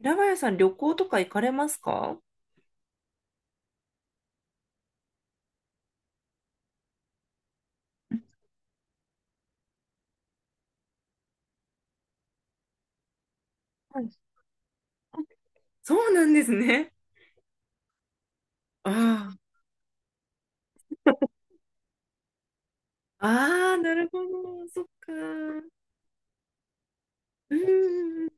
平林さん、旅行とか行かれますか？そうなんですね。ああ、ああ、なるほど、そっか。うん、うん、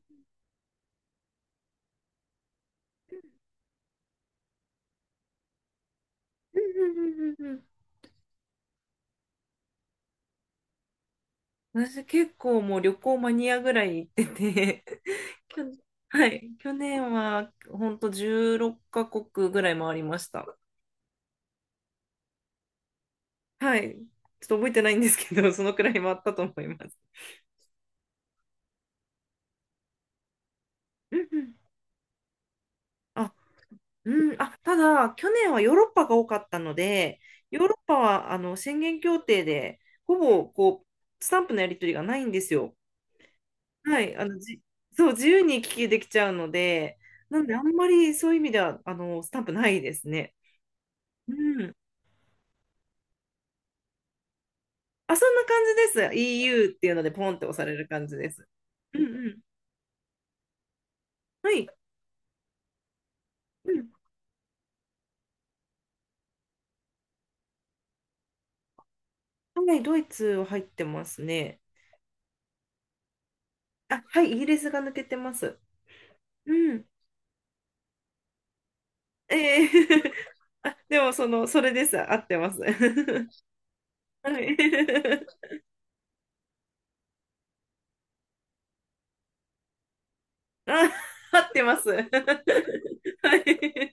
うん、うん、うん。私結構もう旅行マニアぐらい行ってて、去はい、去年はほんと16カ国ぐらい回りました。はい。ちょっと覚えてないんですけど、そのくらい回ったと思います。うんうん。あ。うん、あ、ただ、去年はヨーロッパが多かったので、ヨーロッパはあの宣言協定で、ほぼこうスタンプのやり取りがないんですよ。はい、あのじ、そう、自由に行き来できちゃうので、なんで、あんまりそういう意味ではあのスタンプないですね。うん。あ、そんな感じです。EU っていうので、ポンって押される感じです。うんうん。はい。うん。はい、ドイツは入ってますね。あ、はい、イギリスが抜けてます。うん。ええ。 あ、でもその、それです。合ってます。はい。あ、合ってます。はい。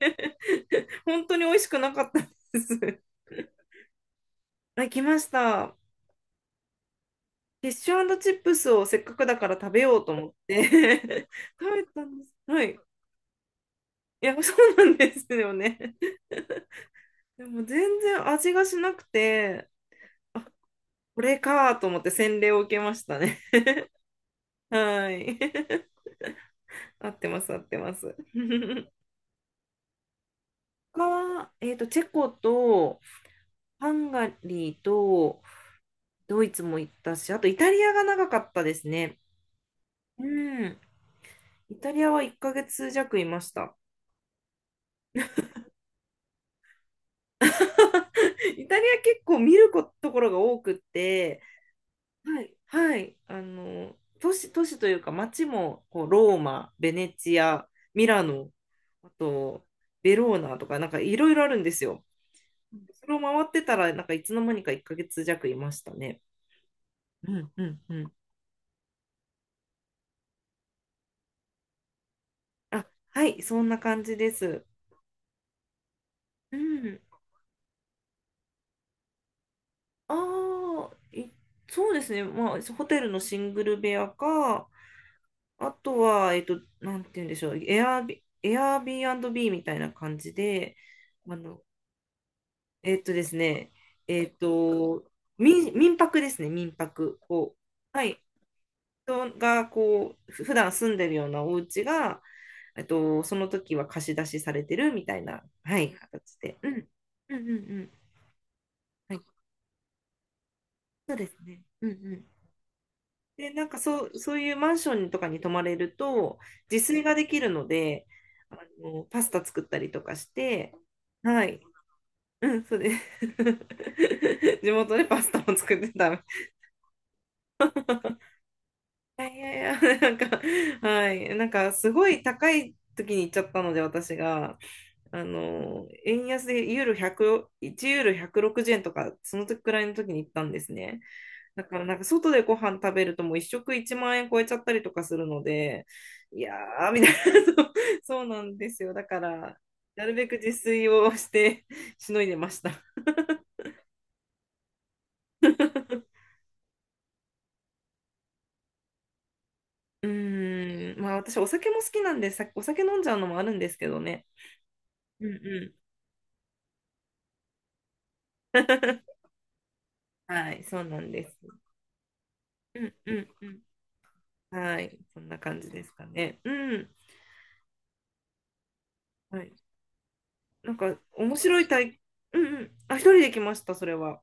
本当に美味しくなかったです。あ、来ました。フィッシュチップスをせっかくだから食べようと思って 食べたんです。はい。いや、そうなんですよね。でも全然味がしなくて、これかと思って洗礼を受けましたね。はい。合ってます、合ってます。他は、チェコとハンガリーとドイツも行ったし、あとイタリアが長かったですね。うん。イタリアは1ヶ月弱いました。イタリア結構見ること、ころが多くって、はい、はい、あの、都市というか街もこうローマ、ベネチア、ミラノ、あとベローナとかなんかいろいろあるんですよ。それを回ってたらなんかいつの間にか1ヶ月弱いましたね。うんうんうん。あ、はい、そんな感じです。うん。ああ、そうですね。まあ、ホテルのシングル部屋か、あとは、なんて言うんでしょう、エアビービーみたいな感じで、あの、えっとですね、えっと、民泊ですね、民泊。こう、はい。人が、こう、普段住んでるようなお家が、その時は貸し出しされてるみたいな、はい、形で。うん。うんうんうん。はい、そうですね。うんうん。で、なんかそういうマンションとかに泊まれると、自炊ができるので、あの、パスタ作ったりとかして、はい。うん、そうです。地元でパスタも作ってた。いやいやいや、なんか、はい。なんか、すごい高い時に行っちゃったので、私が、あの、円安でユーロ100、1ユーロ160円とか、その時くらいの時に行ったんですね。だからなんか外でご飯食べるともう一食1万円超えちゃったりとかするので、いやー、みたいな、そうそうなんですよ。だから、なるべく自炊をして、しのいでました。うーん、まあ私お酒も好きなんで、お酒飲んじゃうのもあるんですけどね。うんうん。はい、そうなんです。うんうんうん。はい、そんな感じですかね。うん。はい。なんか面白い体、うんうん。あ、一人で来ました、それは。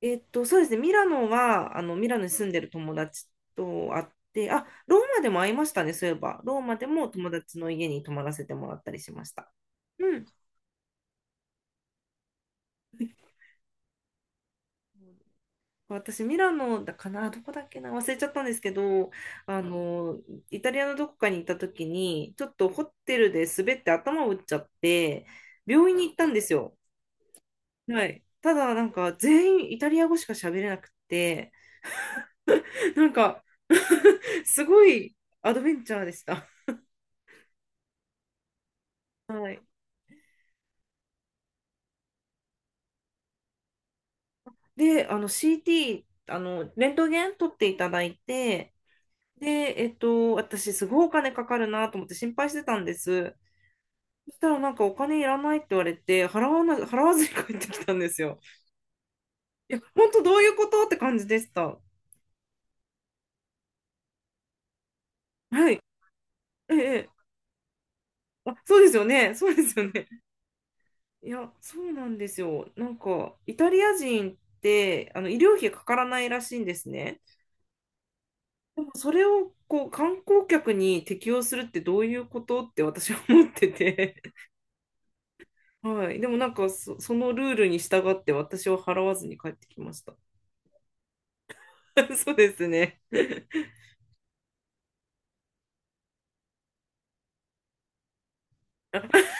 そうですね、ミラノは、あの、ミラノに住んでる友達と会って、あ、ローマでも会いましたね、そういえば。ローマでも友達の家に泊まらせてもらったりしました。うん、私、ミラノだかな、どこだっけな、忘れちゃったんですけど、あの、イタリアのどこかに行った時に、ちょっとホテルで滑って頭を打っちゃって、病院に行ったんですよ。はい。ただ、なんか、全員イタリア語しか喋れなくて、なんか すごいアドベンチャーでした。で、あの CT、あの、レントゲン取っていただいて、で、私すごいお金かかるなと思って心配してたんです。そしたらなんかお金いらないって言われて、払わずに帰ってきたんですよ。いや、本当どういうことって感じでした。はい。ええ、ええ。あ、そうですよね。そうですよね。いや、そうなんですよ。なんか、イタリア人って、あの、医療費かからないらしいんですね。でもそれをこう観光客に適用するってどういうことって私は思ってて、はい。でもなんかそのルールに従って私は払わずに帰ってきました。そうですね。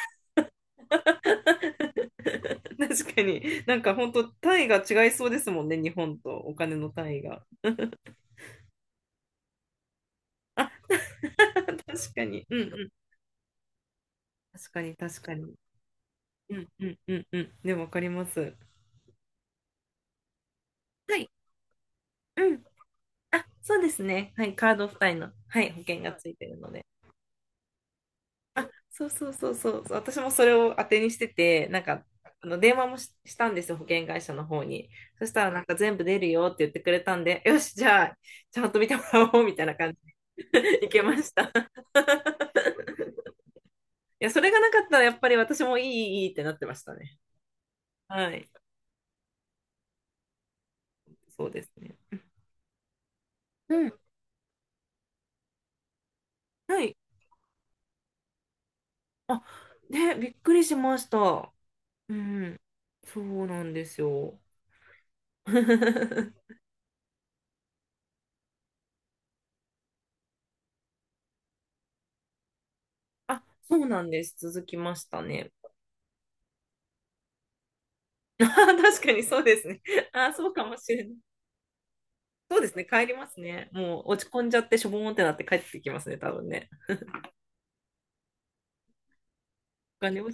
確かに。なんか本当単位が違いそうですもんね、日本とお金の単位が。あ、確かに。うんうん。確かに、確かに。うんうんうんうん。でもわかります。はい。うん。あ、そうですね。はい。カード付帯の、はい、保険がついてるので。そうそうそうそう、私もそれを当てにしてて、なんか、あの電話したんですよ、保険会社の方に。そしたら、なんか全部出るよって言ってくれたんで、よし、じゃあ、ちゃんと見てもらおうみたいな感じで いけました。いや、それがなかったら、やっぱり私もいいいいってなってましたね。はい、そうですね。うん、はい。あ、ね、びっくりしました。うん、そうなんですよ。あ、そうなんです。続きましたね。あー 確かにそうですね。ああ、そうかもしれない。そうですね。帰りますね。もう落ち込んじゃってしょぼーんってなって帰ってきますね、多分ね。お金も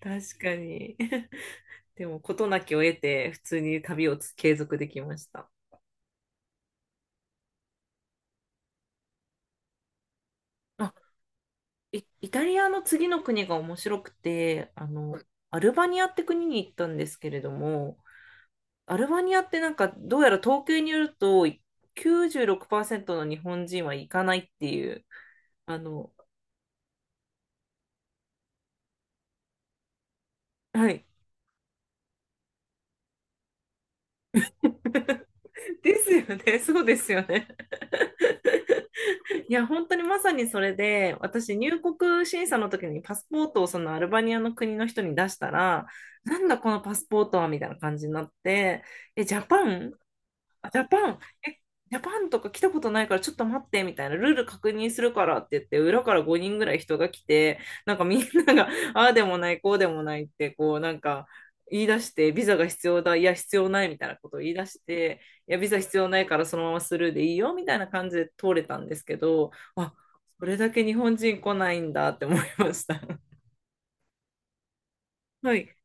確かに。でも、事なきを得て、普通に旅を継続できました。あ、イタリアの次の国が面白くて、あの、アルバニアって国に行ったんですけれども、アルバニアってなんか、どうやら統計によると、96%の日本人は行かないっていう、あの、はい。ですよね。そうですよね。いや、本当にまさにそれで、私、入国審査の時にパスポートをそのアルバニアの国の人に出したら、なんだこのパスポートはみたいな感じになって、え、ジャパンジャパン、え、ジャパンとか来たことないからちょっと待ってみたいな、ルール確認するからって言って、裏から5人ぐらい人が来て、なんかみんなが、ああでもない、こうでもないって、こうなんか言い出して、ビザが必要だ、いや必要ないみたいなことを言い出して、いやビザ必要ないからそのままスルーでいいよみたいな感じで通れたんですけど、あ、それだけ日本人来ないんだって思いました。はい。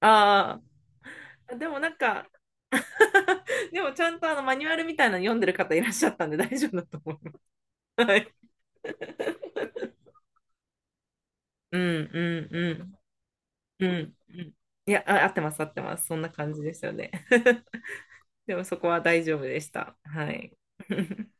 ああ、でもなんか、でもちゃんとあのマニュアルみたいなの読んでる方いらっしゃったんで大丈夫だと思います。はい。うんうんうんうんうん。いや、あ、合ってます、合ってます。そんな感じですよね。でもそこは大丈夫でした。はい。